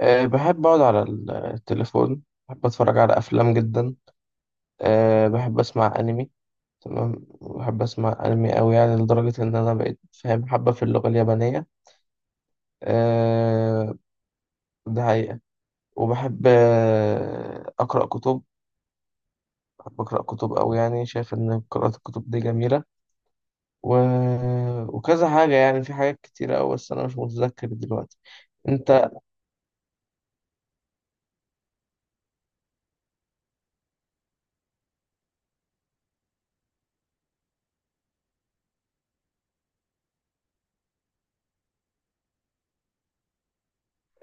أه، بحب أقعد على التليفون. بحب أتفرج على أفلام جدا. أه، بحب أسمع أنمي. تمام. بحب أسمع أنمي أوي، يعني لدرجة إن أنا بقيت فاهم حبة في اللغة اليابانية. أه. ده حقيقة. وبحب أقرأ كتب. بحب أقرأ كتب أوي، يعني شايف إن قراءة الكتب دي جميلة. و... وكذا حاجة، يعني في حاجات كتيرة أوي، بس أنا مش متذكر دلوقتي. أنت.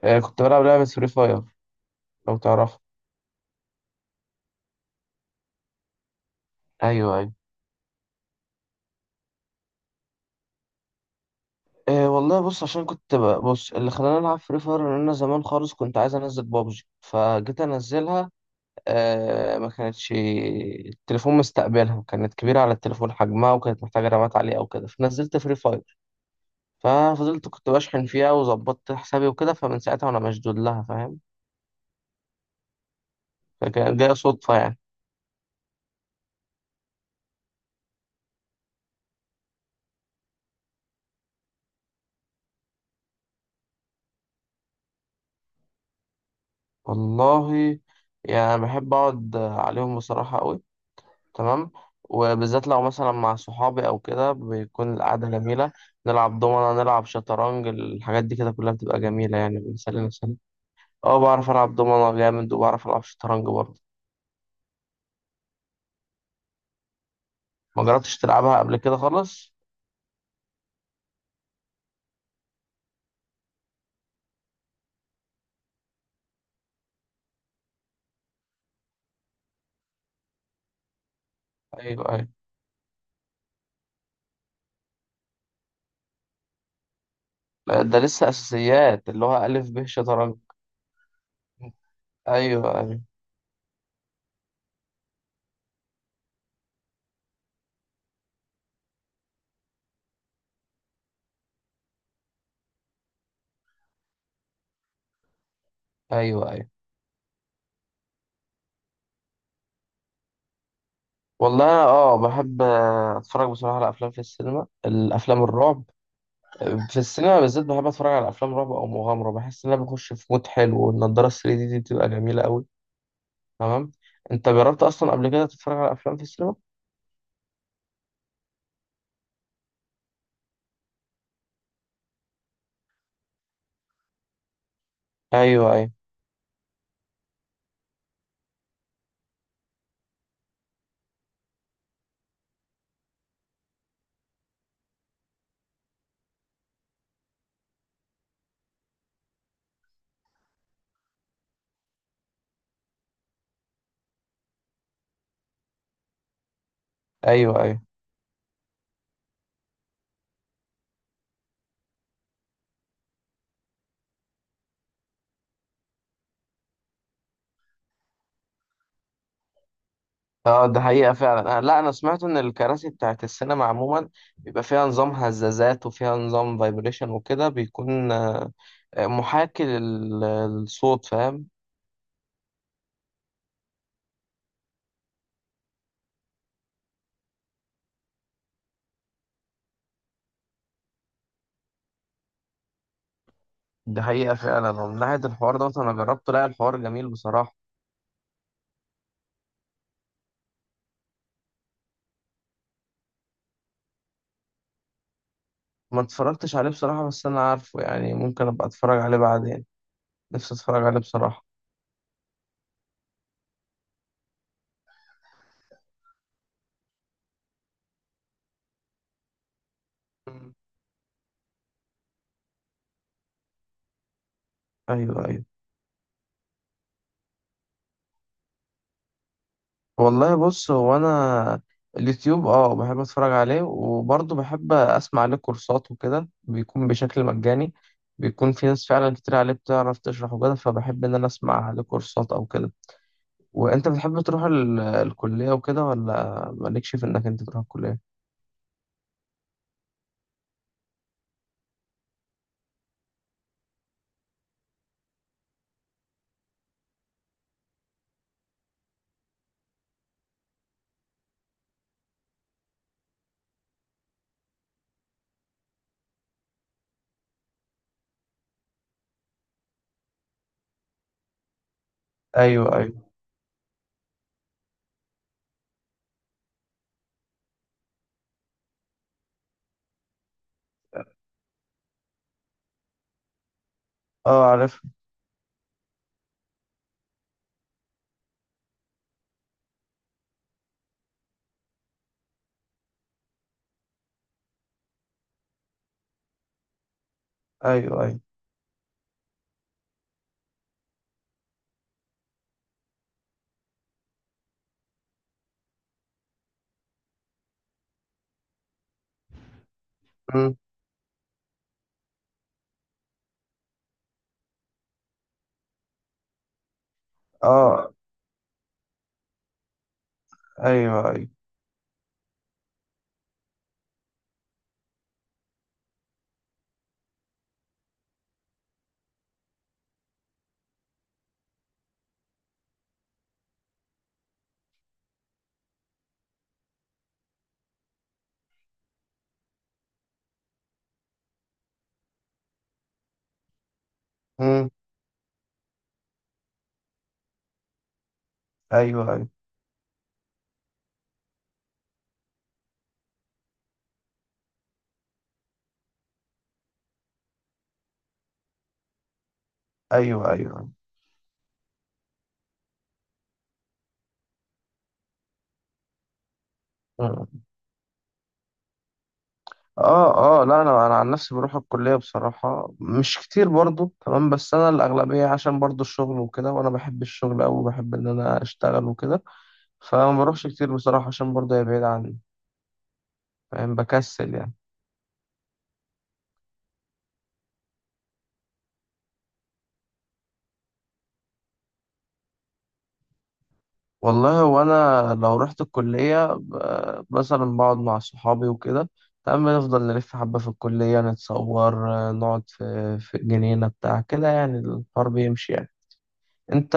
أه، كنت بلعب لعبة فري فاير، لو تعرفها. أيوه، أيوه. إيه، والله بص، عشان كنت بص اللي خلاني العب فري فاير ان انا زمان خالص كنت عايز انزل بابجي فجيت انزلها. آه، ما كانتش التليفون مستقبلها، كانت كبيره على التليفون حجمها، وكانت محتاجه رامات عاليه او كده، فنزلت فري فاير. ففضلت كنت بشحن فيها وظبطت حسابي وكده، فمن ساعتها وانا مشدود لها، فاهم. فكانت جايه صدفه يعني. والله، يعني بحب اقعد عليهم بصراحه قوي. تمام. وبالذات لو مثلا مع صحابي او كده بيكون القعده جميله، نلعب دومنه، نلعب شطرنج، الحاجات دي كده كلها بتبقى جميله، يعني بنسلي نفسنا. اه، بعرف العب دومنه جامد، وبعرف العب شطرنج برضه. ما جربتش تلعبها قبل كده خالص؟ ايوه، ايوه. لا، ده لسه اساسيات اللي هو الف ب شطرنج. ايوه، ايوه. ايوه، ايوه. والله، أنا بحب اتفرج بصراحه على افلام في السينما، الافلام الرعب. في السينما بالذات بحب اتفرج على افلام رعب او مغامره، بحس ان انا بخش في مود حلو، والنضاره 3 دي دي بتبقى جميله قوي. تمام. انت جربت اصلا قبل كده تتفرج على افلام في السينما؟ ايوه. ايوه، ايوه. ايوه. اه، ده حقيقه فعلا. لا، انا سمعت ان الكراسي بتاعت السينما عموما بيبقى فيها نظام هزازات، وفيها نظام فايبريشن، وكده بيكون محاكي للصوت، فاهم. ده حقيقه فعلا، ومن ناحيه الحوار ده انا جربته، لا الحوار جميل بصراحه. ما اتفرجتش عليه بصراحة، بس أنا عارفه، يعني ممكن أبقى أتفرج عليه بعدين. نفسي أتفرج عليه بصراحة. مم. أيوه، أيوه. والله بص، هو أنا اليوتيوب بحب أتفرج عليه، وبرضه بحب أسمع عليه كورسات، وكده بيكون بشكل مجاني. بيكون في ناس فعلا كتير عليه بتعرف تشرح وكده، فبحب إن أنا أسمع عليه كورسات أو كده. وأنت بتحب تروح الكلية وكده، ولا مالكش في إنك أنت تروح الكلية؟ أيوه، أيوه. أه، عارف. أيوه، أيوه. أمم. أه. أيوه، أيوه. أمم. ايوه، ايوه. ايوه، ايوه. أيوة. اه، اه، لا، انا عن نفسي بروح الكليه بصراحه مش كتير برضو، تمام، بس انا الاغلبيه عشان برضو الشغل وكده، وانا بحب الشغل أوي، وبحب ان انا اشتغل وكده. فما بروحش كتير بصراحه، عشان برضو هي بعيده عني، فاهم، بكسل يعني. والله، وانا لو رحت الكليه مثلا بقعد مع صحابي وكده، تمام، نفضل نلف حبه في الكليه، نتصور، نقعد في جنينه بتاع كده، يعني الحوار بيمشي يعني. انت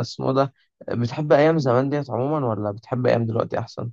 اسمه ده بتحب ايام زمان ديت عموما، ولا بتحب ايام دلوقتي احسن؟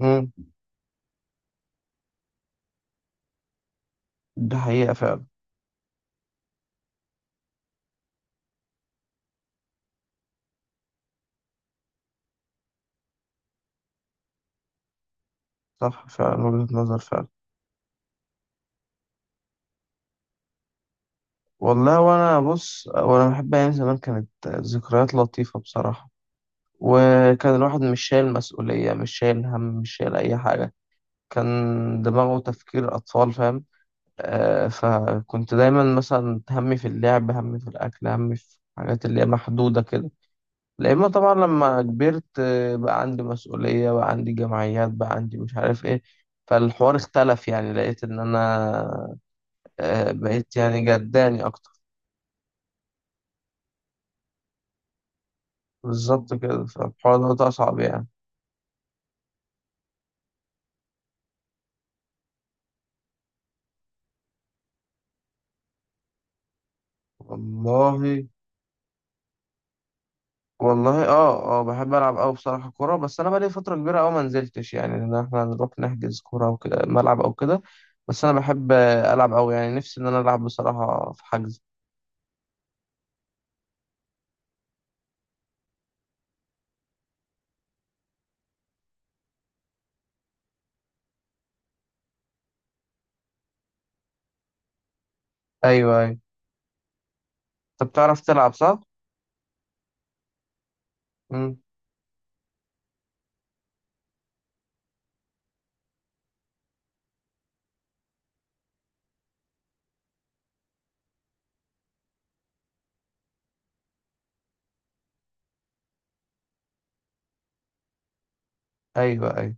امم. ده حقيقة فعلا. صح، فعلا وجهة نظر فعلا. والله، وانا بص، وانا بحب ايام زمان، كانت ذكريات لطيفة بصراحة. وكان الواحد مش شايل مسؤولية، مش شايل هم، مش شايل اي حاجة. كان دماغه تفكير اطفال، فاهم. آه، فكنت دايما مثلا همي في اللعب، همي في الاكل، همي في حاجات اللي هي محدودة كده. لأن طبعا لما كبرت بقى عندي مسؤولية، بقى عندي جمعيات، بقى عندي مش عارف ايه. فالحوار اختلف، يعني لقيت ان انا بقيت يعني جداني اكتر. بالظبط كده، فالحوار ده اصعب يعني. والله والله، اه، اه، بحب العب قوي بصراحة كورة، بس انا بقالي فترة كبيرة قوي ما نزلتش، يعني ان احنا نروح نحجز كورة او كده ملعب او كده. بس انا بحب العب قوي، يعني نفسي ان انا العب بصراحة في حجز. ايوه، ايوه. انت بتعرف تلعب صح؟ امم. ايوه، ايوه.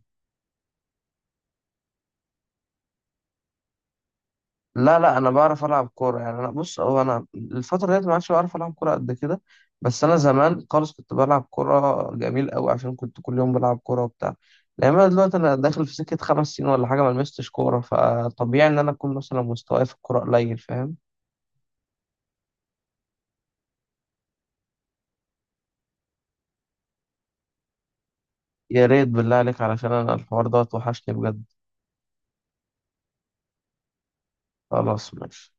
لا، لا، انا بعرف العب كوره، يعني انا بص، هو انا الفتره ديت ما عادش بعرف العب كوره قد كده. بس انا زمان خالص كنت بلعب كوره جميل قوي، عشان كنت كل يوم بلعب كوره وبتاع. لان انا دلوقتي انا داخل في سكه 5 سنين ولا حاجه ما لمستش كوره، فطبيعي ان انا اكون مثلا مستواي في الكوره قليل، فاهم. يا ريت بالله عليك، علشان انا الحوار ده وحشني بجد. خلاص، ماشي.